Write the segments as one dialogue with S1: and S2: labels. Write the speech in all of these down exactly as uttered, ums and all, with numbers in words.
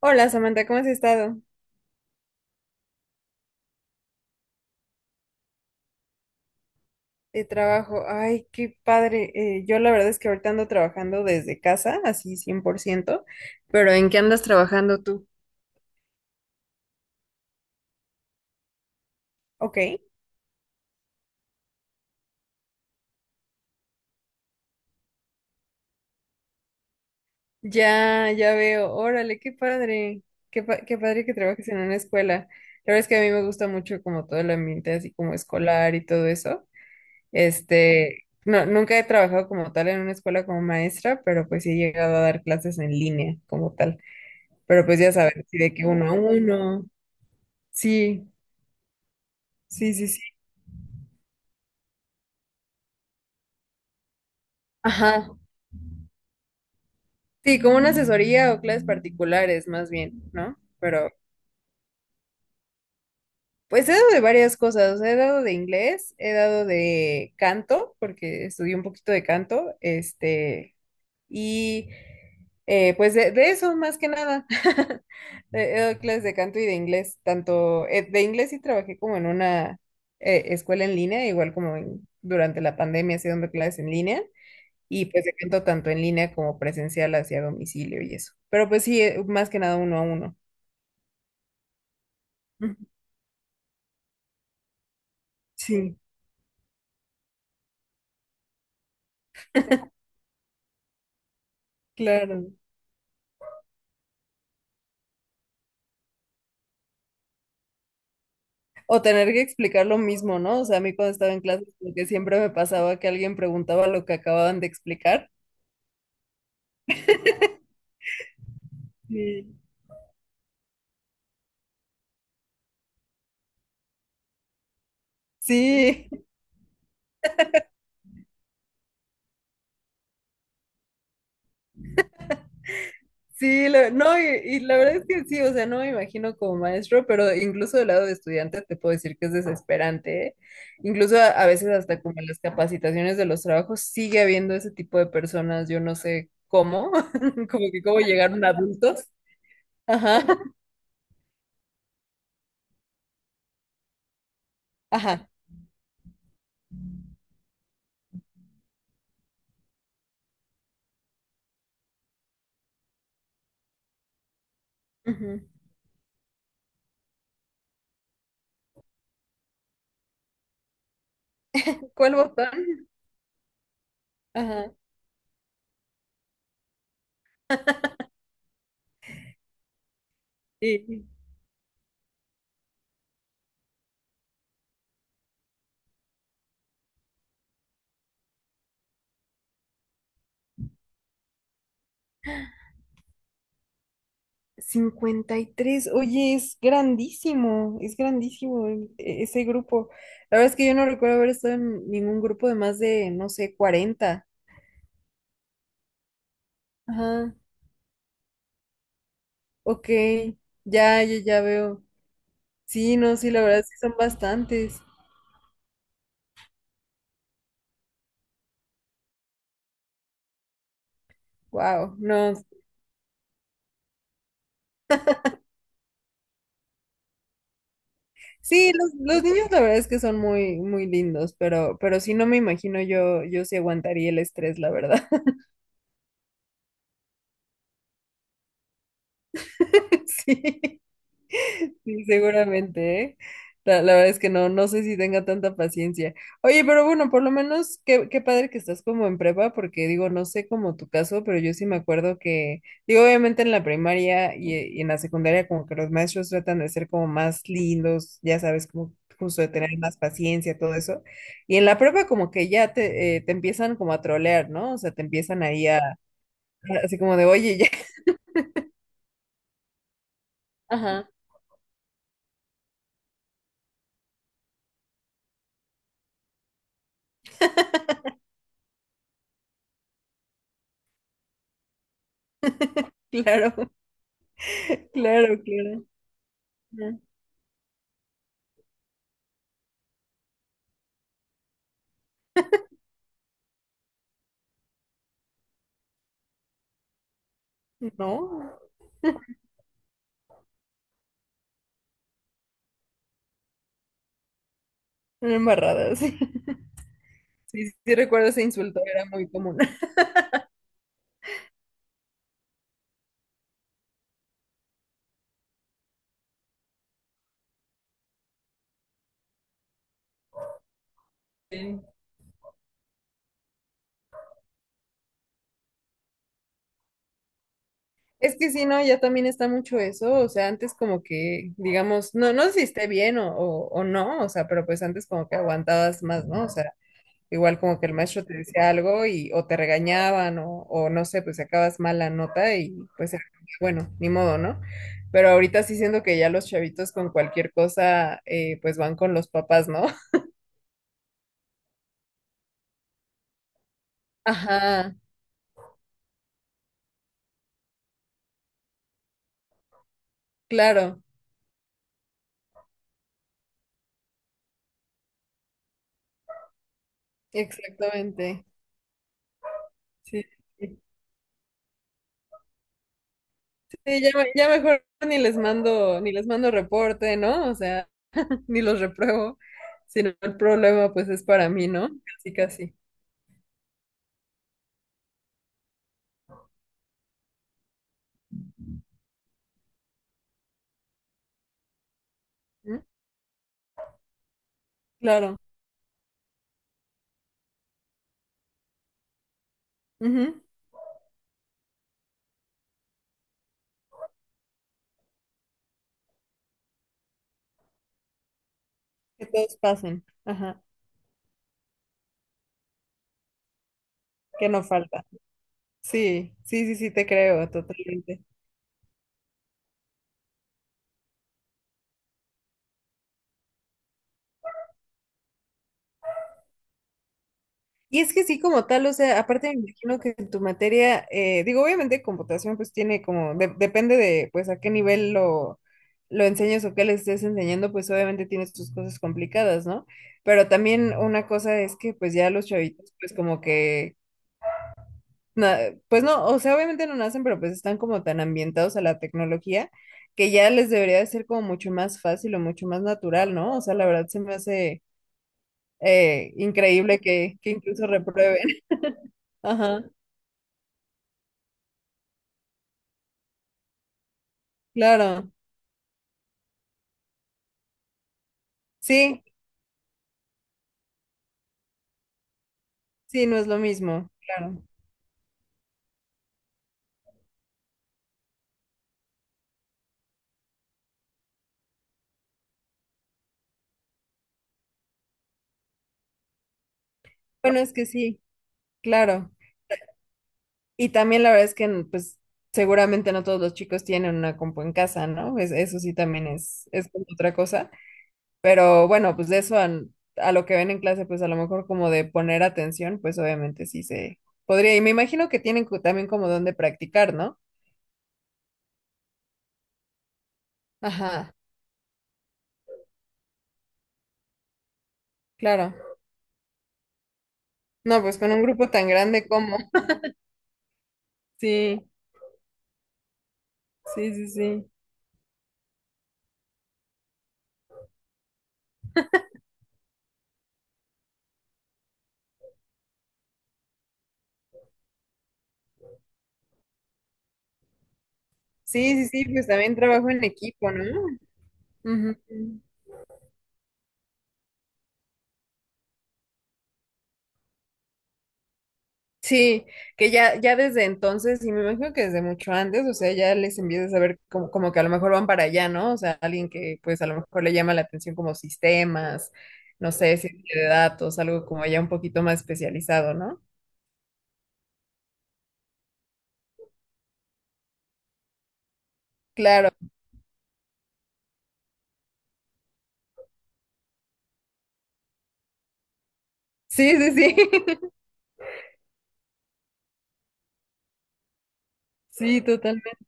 S1: Hola Samantha, ¿cómo has estado? De trabajo. Ay, qué padre. Eh, yo la verdad es que ahorita ando trabajando desde casa, así cien por ciento. Pero ¿en qué andas trabajando tú? Ok. Ya, ya veo. Órale, qué padre. Qué, pa- qué padre que trabajes en una escuela. La verdad es que a mí me gusta mucho como todo el ambiente así como escolar y todo eso. Este, no, nunca he trabajado como tal en una escuela como maestra, pero pues sí he llegado a dar clases en línea como tal. Pero pues ya sabes, así de que uno a uno. Sí, sí, sí, sí. Ajá. Sí, como una asesoría o clases particulares, más bien, ¿no? Pero, pues he dado de varias cosas. O sea, he dado de inglés, he dado de canto, porque estudié un poquito de canto, este, y eh, pues de, de eso, más que nada. He he dado clases de canto y de inglés, tanto eh, de inglés sí trabajé como en una eh, escuela en línea, igual como en- durante la pandemia, así dando clases en línea. Y pues se canto tanto en línea como presencial hacia domicilio y eso. Pero pues sí, eh, más que nada uno a uno. Ujú. Sí, claro. O tener que explicar lo mismo, ¿no? O sea, a mí cuando estaba en clases, como que siempre me pasaba que alguien preguntaba lo que acababan de explicar. Sí. Sí, sí, la- no, y, y la verdad es que sí, o sea, no me imagino como maestro, pero incluso del lado de estudiante te puedo decir que es desesperante, ¿eh? Incluso a, a veces hasta como en las capacitaciones de los trabajos sigue habiendo ese tipo de personas, yo no sé cómo, como que cómo llegaron adultos. Ajá, ajá. Ujú. ¿Cuál botón? Ajá. Y cincuenta y tres, oye, es grandísimo, es grandísimo el- e- ese grupo. La verdad es que yo no recuerdo haber estado en ningún grupo de más de, no sé, cuarenta. Ajá, ok, ya, ya, ya veo. Sí, no, sí, la verdad sí son bastantes. Wow, no. Sí, los, los niños la verdad es que son muy, muy lindos, pero, pero sí no me imagino yo, yo sí aguantaría el estrés, la verdad. Sí. Sí, seguramente, ¿eh? La, la verdad es que no, no sé si tenga tanta paciencia. Oye, pero bueno, por lo menos qué, qué padre que estás como en prepa, porque digo, no sé como tu caso, pero yo sí me acuerdo que, digo, obviamente en la primaria y, eh, y en la secundaria como que los maestros tratan de ser como más lindos, ya sabes, como justo de tener más paciencia, todo eso. Y en la prepa como que ya te, eh, te empiezan como a trolear, ¿no? O sea, te empiezan ahí a, así como de, oye, ya. Ajá, claro, claro, claro. Ajá. No. Una embarrada, sí. Sí, sí sí recuerdo ese insulto, era muy común. Es que sí, no, ya también está mucho eso, o sea, antes como que, digamos, no, no sé si esté bien o, o, o no, o sea, pero pues antes como que aguantabas más, ¿no? O sea, igual como que el maestro te decía algo y o te regañaban o, o no sé, pues sacabas mala nota y pues era como que, bueno, ni modo, ¿no? Pero ahorita sí siento que ya los chavitos con cualquier cosa, eh, pues van con los papás, ¿no? Ajá, claro, exactamente. Sí. Sí, ya, me- ya mejor ni les mando, ni les mando reporte, ¿no? O sea, ni los repruebo, sino el problema pues es para mí, ¿no? Casi, casi. ¿Mm? Claro. Ujú. Que todos pasen. Ajá. Que no falta. Sí, sí, sí, sí, te creo, totalmente. Y es que sí, como tal, o sea, aparte me imagino que en tu materia, eh, digo, obviamente computación pues tiene como, de- depende de pues a qué nivel lo, lo enseñes o qué le estés enseñando, pues obviamente tienes tus cosas complicadas, ¿no? Pero también una cosa es que pues ya los chavitos pues como que, na- pues no, o sea, obviamente no nacen, pero pues están como tan ambientados a la tecnología que ya les debería de ser como mucho más fácil o mucho más natural, ¿no? O sea, la verdad se me hace eh, increíble que, que incluso reprueben. Ajá. Claro, sí, sí, no es lo mismo, claro. Bueno, es que sí, claro. Y también la verdad es que, pues, seguramente no todos los chicos tienen una compu en casa, ¿no? Es- eso sí también es, es como otra cosa. Pero bueno, pues de eso a, a lo que ven en clase, pues a lo mejor como de poner atención, pues obviamente sí se podría. Y me imagino que tienen co- también como donde practicar, ¿no? Ajá, claro. No, pues con un grupo tan grande como. Sí, sí, sí, sí. Sí, sí, sí, pues también trabajo en equipo, ¿no? Ujú. Sí, que ya, ya desde entonces, y me imagino que desde mucho antes, o sea, ya les empiezas a ver como, como que a lo mejor van para allá, ¿no? O sea, alguien que pues a lo mejor le llama la atención como sistemas, no sé, ciencia de datos, algo como ya un poquito más especializado, ¿no? Claro, sí, sí, sí, sí, totalmente.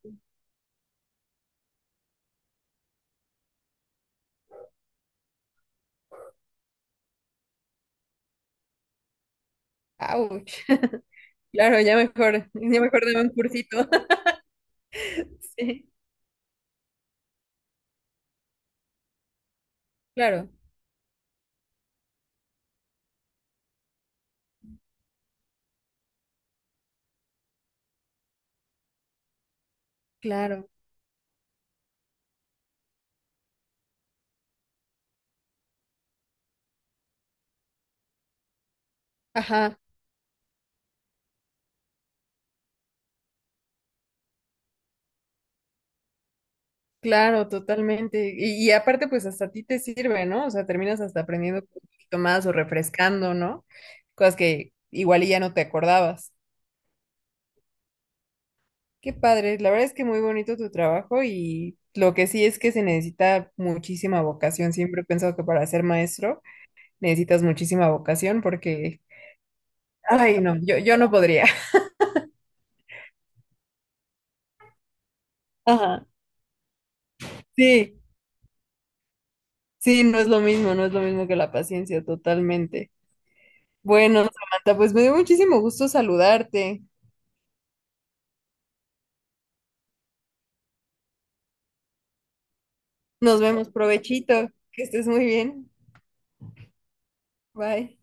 S1: Ouch. Claro, ya mejor, ya mejor dame un cursito. Sí, claro, claro. Ajá. Claro, totalmente. Y, y aparte, pues hasta a ti te sirve, ¿no? O sea, terminas hasta aprendiendo un poquito más o refrescando, ¿no? Cosas que igual y ya no te acordabas. Qué padre. La verdad es que muy bonito tu trabajo y lo que sí es que se necesita muchísima vocación. Siempre he pensado que para ser maestro necesitas muchísima vocación porque, ay, no, yo, yo no podría. Ajá. Sí, sí, no es lo mismo, no es lo mismo que la paciencia, totalmente. Bueno, Samantha, pues me dio muchísimo gusto saludarte. Nos vemos, provechito, que estés muy bien. Bye.